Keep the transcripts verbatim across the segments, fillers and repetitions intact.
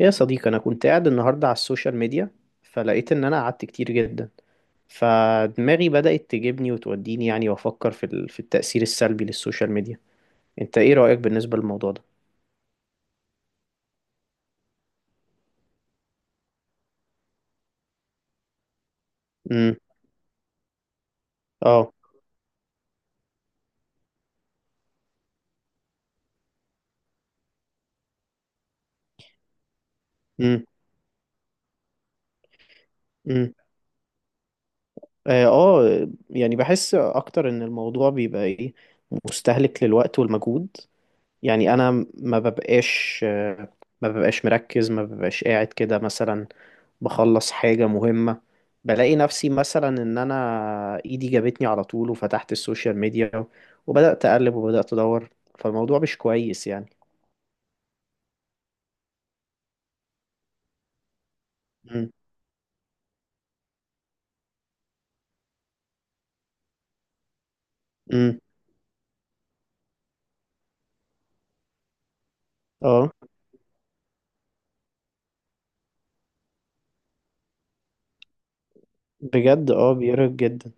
يا صديقي، أنا كنت قاعد النهاردة على السوشيال ميديا، فلقيت إن أنا قعدت كتير جدا. فدماغي بدأت تجيبني وتوديني يعني، وأفكر في ال- في التأثير السلبي للسوشيال ميديا. أنت إيه رأيك بالنسبة للموضوع ده؟ امم. اه. امم. امم. آه آه، يعني بحس أكتر إن الموضوع بيبقى إيه، مستهلك للوقت والمجهود. يعني أنا ما ببقاش آه، ما ببقاش مركز، ما ببقاش قاعد كده مثلا بخلص حاجة مهمة. بلاقي نفسي مثلا ان انا ايدي جابتني على طول وفتحت السوشيال ميديا، وبدأت اقلب وبدأت ادور. فالموضوع مش كويس يعني. امم. امم. اه بجد، اه بيرهق جدا.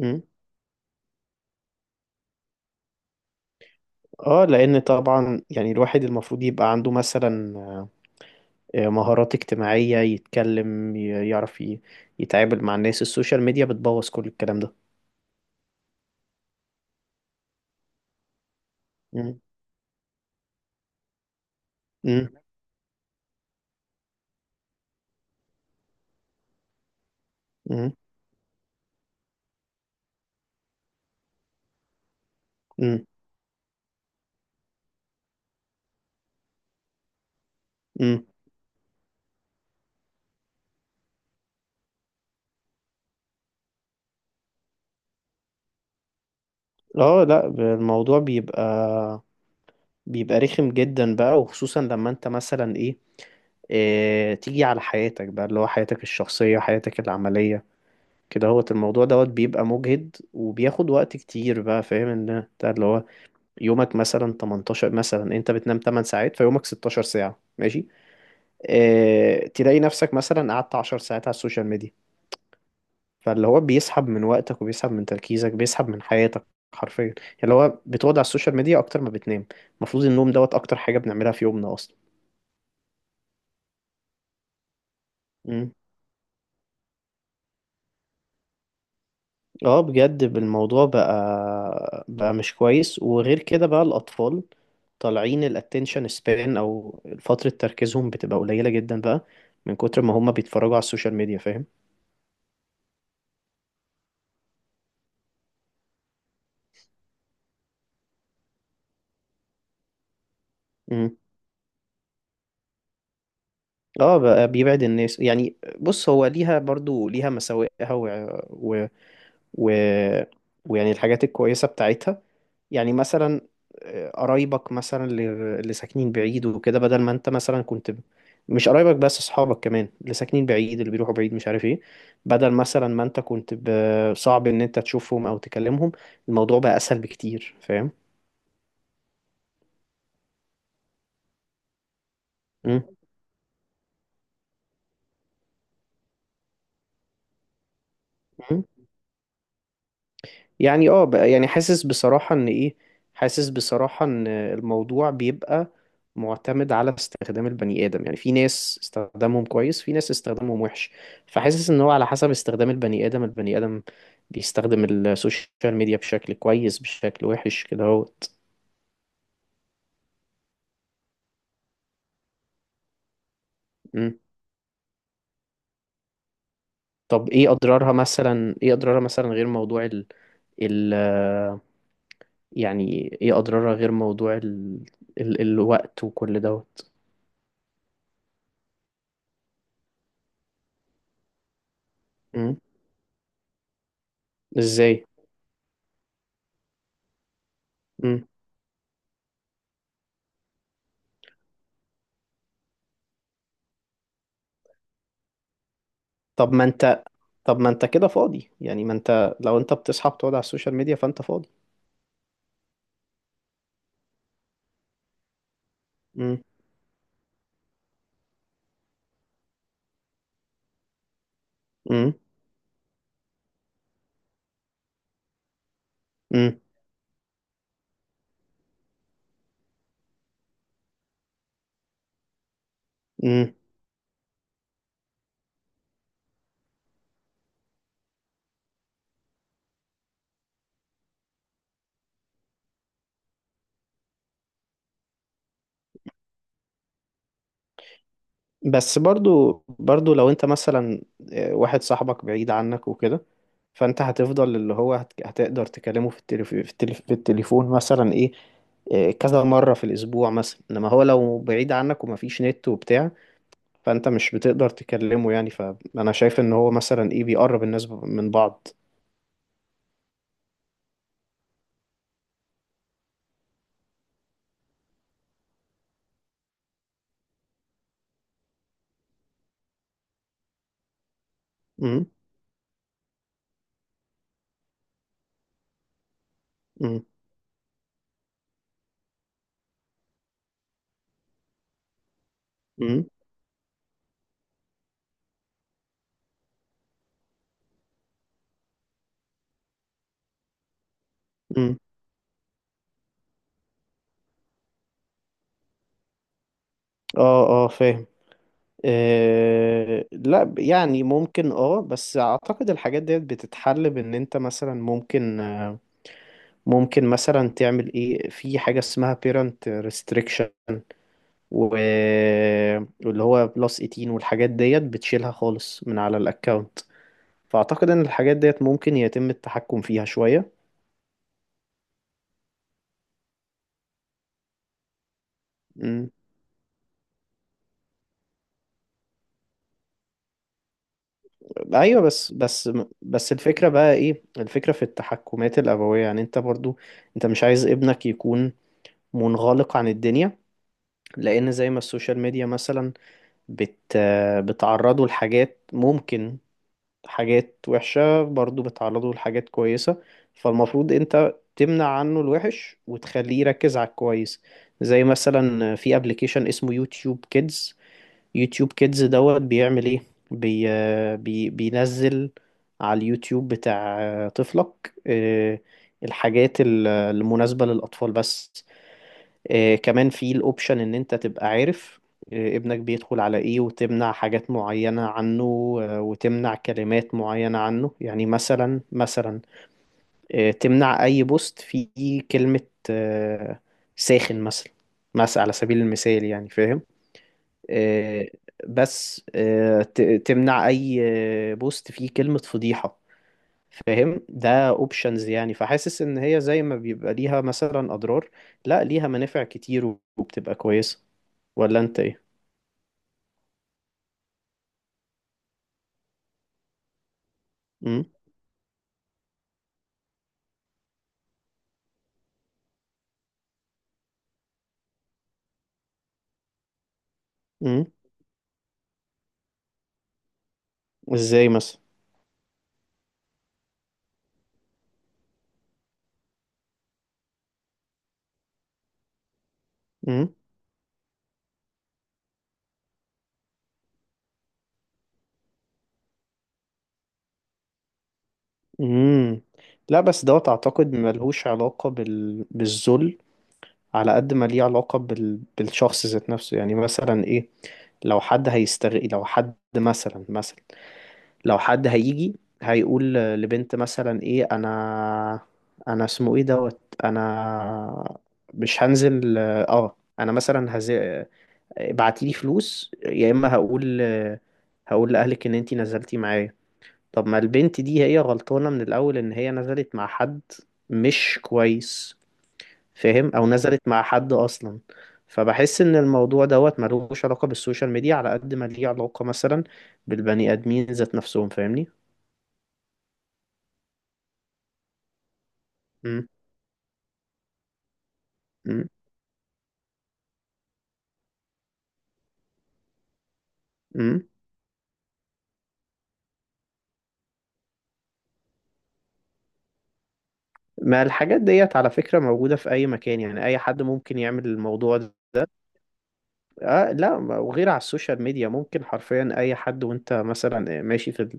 امم. اه، لان طبعا يعني الواحد المفروض يبقى عنده مثلا آه، مهارات اجتماعية، يتكلم، ي- يعرف ي- يتعامل مع الناس. السوشيال ميديا بتبوظ كل الكلام ده. امم. امم. امم. امم. اه لا، الموضوع بيبقى بيبقى رخم جدا بقى، وخصوصا لما انت مثلا ايه، اه، تيجي على حياتك بقى، اللي هو حياتك الشخصية، حياتك العملية كده. هو الموضوع دوت بيبقى مجهد وبياخد وقت كتير بقى، فاهم ان انت اللي هو يومك مثلا تمنتاشر، مثلا انت بتنام 8 ساعات، فيومك 16 ساعة ماشي. اه تلاقي نفسك مثلا قعدت 10 ساعات على السوشيال ميديا. فاللي هو بيسحب من وقتك وبيسحب من تركيزك، بيسحب من حياتك حرفيا يعني. اللي هو بتقعد على السوشيال ميديا اكتر ما بتنام. المفروض النوم دوت اكتر حاجة بنعملها في يومنا اصلا. اه بجد، الموضوع بقى بقى مش كويس. وغير كده بقى، الأطفال طالعين الاتنشن سبان، أو فترة تركيزهم بتبقى قليلة جدا بقى، من كتر ما هما بيتفرجوا على السوشيال ميديا، فاهم. مم. اه، بقى بيبعد الناس. يعني بص، هو ليها برضو ليها مساوئها و... و... و... ويعني الحاجات الكويسة بتاعتها. يعني مثلا آه، قرايبك مثلا اللي اللي ساكنين بعيد وكده، بدل ما انت مثلا كنت ب- مش قرايبك بس، اصحابك كمان اللي ساكنين بعيد، اللي بيروحوا بعيد مش عارف ايه. بدل مثلا ما انت كنت ب- صعب ان انت تشوفهم او تكلمهم. الموضوع بقى اسهل بكتير، فاهم. مم. يعني اه، بقى يعني حاسس بصراحة ان ايه، حاسس بصراحة ان الموضوع بيبقى معتمد على استخدام البني آدم. يعني في ناس استخدامهم كويس، في ناس استخدامهم وحش. فحاسس ان هو على حسب استخدام البني آدم، البني آدم بيستخدم السوشيال ميديا بشكل كويس، بشكل وحش كده اهوت. مم. طب ايه اضرارها مثلا، ايه اضرارها مثلا غير موضوع ال ال يعني ايه اضرارها غير موضوع ال ال الوقت وكل دوت. مم. ازاي؟ مم. طب ما انت طب ما انت كده فاضي يعني. ما انت لو انت بتصحى بتقعد على السوشيال ميديا فانت فاضي. امم. امم. امم. امم. بس برضو برضو لو انت مثلا آه، واحد صاحبك بعيد عنك وكده، فانت هتفضل اللي هو هت- هتقدر تكلمه في التليف... في التليف... في التليفون مثلا ايه، آه، كذا مرة في الاسبوع مثلا. انما هو لو بعيد عنك ومفيش نت وبتاع، فانت مش بتقدر تكلمه يعني. فانا شايف ان هو مثلا ايه بيقرب الناس من بعض. امم. امم. امم. امم. اه اه، فاهم. آه، لا، ب- يعني ممكن، اه بس اعتقد الحاجات ديت بتتحل بان انت مثلا ممكن، آه، ممكن مثلا تعمل ايه في حاجة اسمها parent restriction و- واللي هو بلس تمنتاشر، والحاجات ديت بتشيلها خالص من على الاكونت. فاعتقد ان الحاجات ديت ممكن يتم التحكم فيها شوية. مم. ايوه، بس بس بس الفكرة بقى ايه الفكرة في التحكمات الابوية. يعني انت برضو انت مش عايز ابنك يكون منغلق عن الدنيا. لان زي ما السوشيال ميديا مثلا بت بتعرضوا لحاجات ممكن، حاجات وحشة، برضو بتعرضوا لحاجات كويسة. فالمفروض انت تمنع عنه الوحش وتخليه يركز على الكويس. زي مثلا في ابلكيشن اسمه يوتيوب كيدز. يوتيوب كيدز دوت بيعمل ايه، بي بي بينزل على اليوتيوب بتاع طفلك آه، الحاجات المناسبة للأطفال بس. آه، كمان في الاوبشن ان انت تبقى عارف آه، ابنك بيدخل على ايه وتمنع حاجات معينة عنه، آه، وتمنع كلمات معينة عنه. يعني مثلا مثلا آه، تمنع اي بوست فيه كلمة آه، ساخن مثلا، مثلا على سبيل المثال يعني فاهم. آه، بس آه، ت- تمنع اي آه، بوست فيه كلمة فضيحة، فاهم. ده اوبشنز يعني. فحاسس ان هي زي ما بيبقى ليها مثلا اضرار، لا ليها منافع كتير وبتبقى كويسة. ولا انت ايه؟ امم. امم. ازاي مثلا؟ امم. امم. لا بس دوت، اعتقد ملهوش علاقة بال... بالذل على قد ما ليه علاقة بال... بالشخص ذات نفسه. يعني مثلا ايه، لو حد هيستغل، لو حد مثلا مثلا لو حد هيجي هيقول لبنت مثلا ايه، انا انا اسمه ايه دوت، انا مش هنزل، اه انا مثلا هز... ابعتيلي فلوس، يا اما هقول هقول لاهلك ان انتي نزلتي معايا. طب ما البنت دي هي غلطانة من الأول إن هي نزلت مع حد مش كويس، فاهم، أو نزلت مع حد أصلا. فبحس إن الموضوع دوت ملوش علاقة بالسوشيال ميديا على قد ما ليه علاقة مثلا بالبني آدمين ذات نفسهم، فاهمني؟ مم. مم. مم. ما الحاجات ديت على فكرة موجودة في أي مكان. يعني أي حد ممكن يعمل الموضوع ده. آه لا، وغير على السوشيال ميديا، ممكن حرفيا أي حد وأنت مثلا ماشي في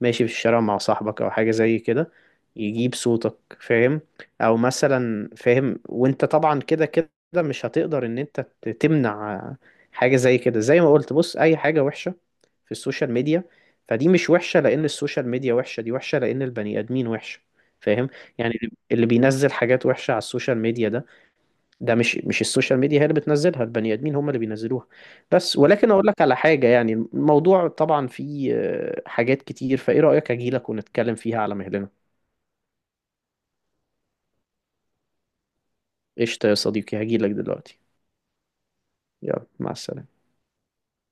ماشي في الشارع مع صاحبك او حاجة زي كده يجيب صوتك، فاهم، او مثلا فاهم. وانت طبعا كده كده مش هتقدر ان انت ت- تمنع حاجة زي كده. زي ما قلت، بص، اي حاجة وحشة في السوشيال ميديا فدي مش وحشة لان السوشيال ميديا وحشة، دي وحشة لان البني ادمين وحشة، فاهم. يعني اللي اللي بينزل حاجات وحشة على السوشيال ميديا ده ده مش مش السوشيال ميديا هي اللي بتنزلها، البني ادمين هم اللي بينزلوها. بس ولكن اقول لك على حاجه يعني، الموضوع طبعا فيه آه، حاجات كتير، فايه رايك اجي لك ونتكلم فيها على مهلنا. قشطه يا صديقي، هجي لك دلوقتي. يلا، مع السلامه.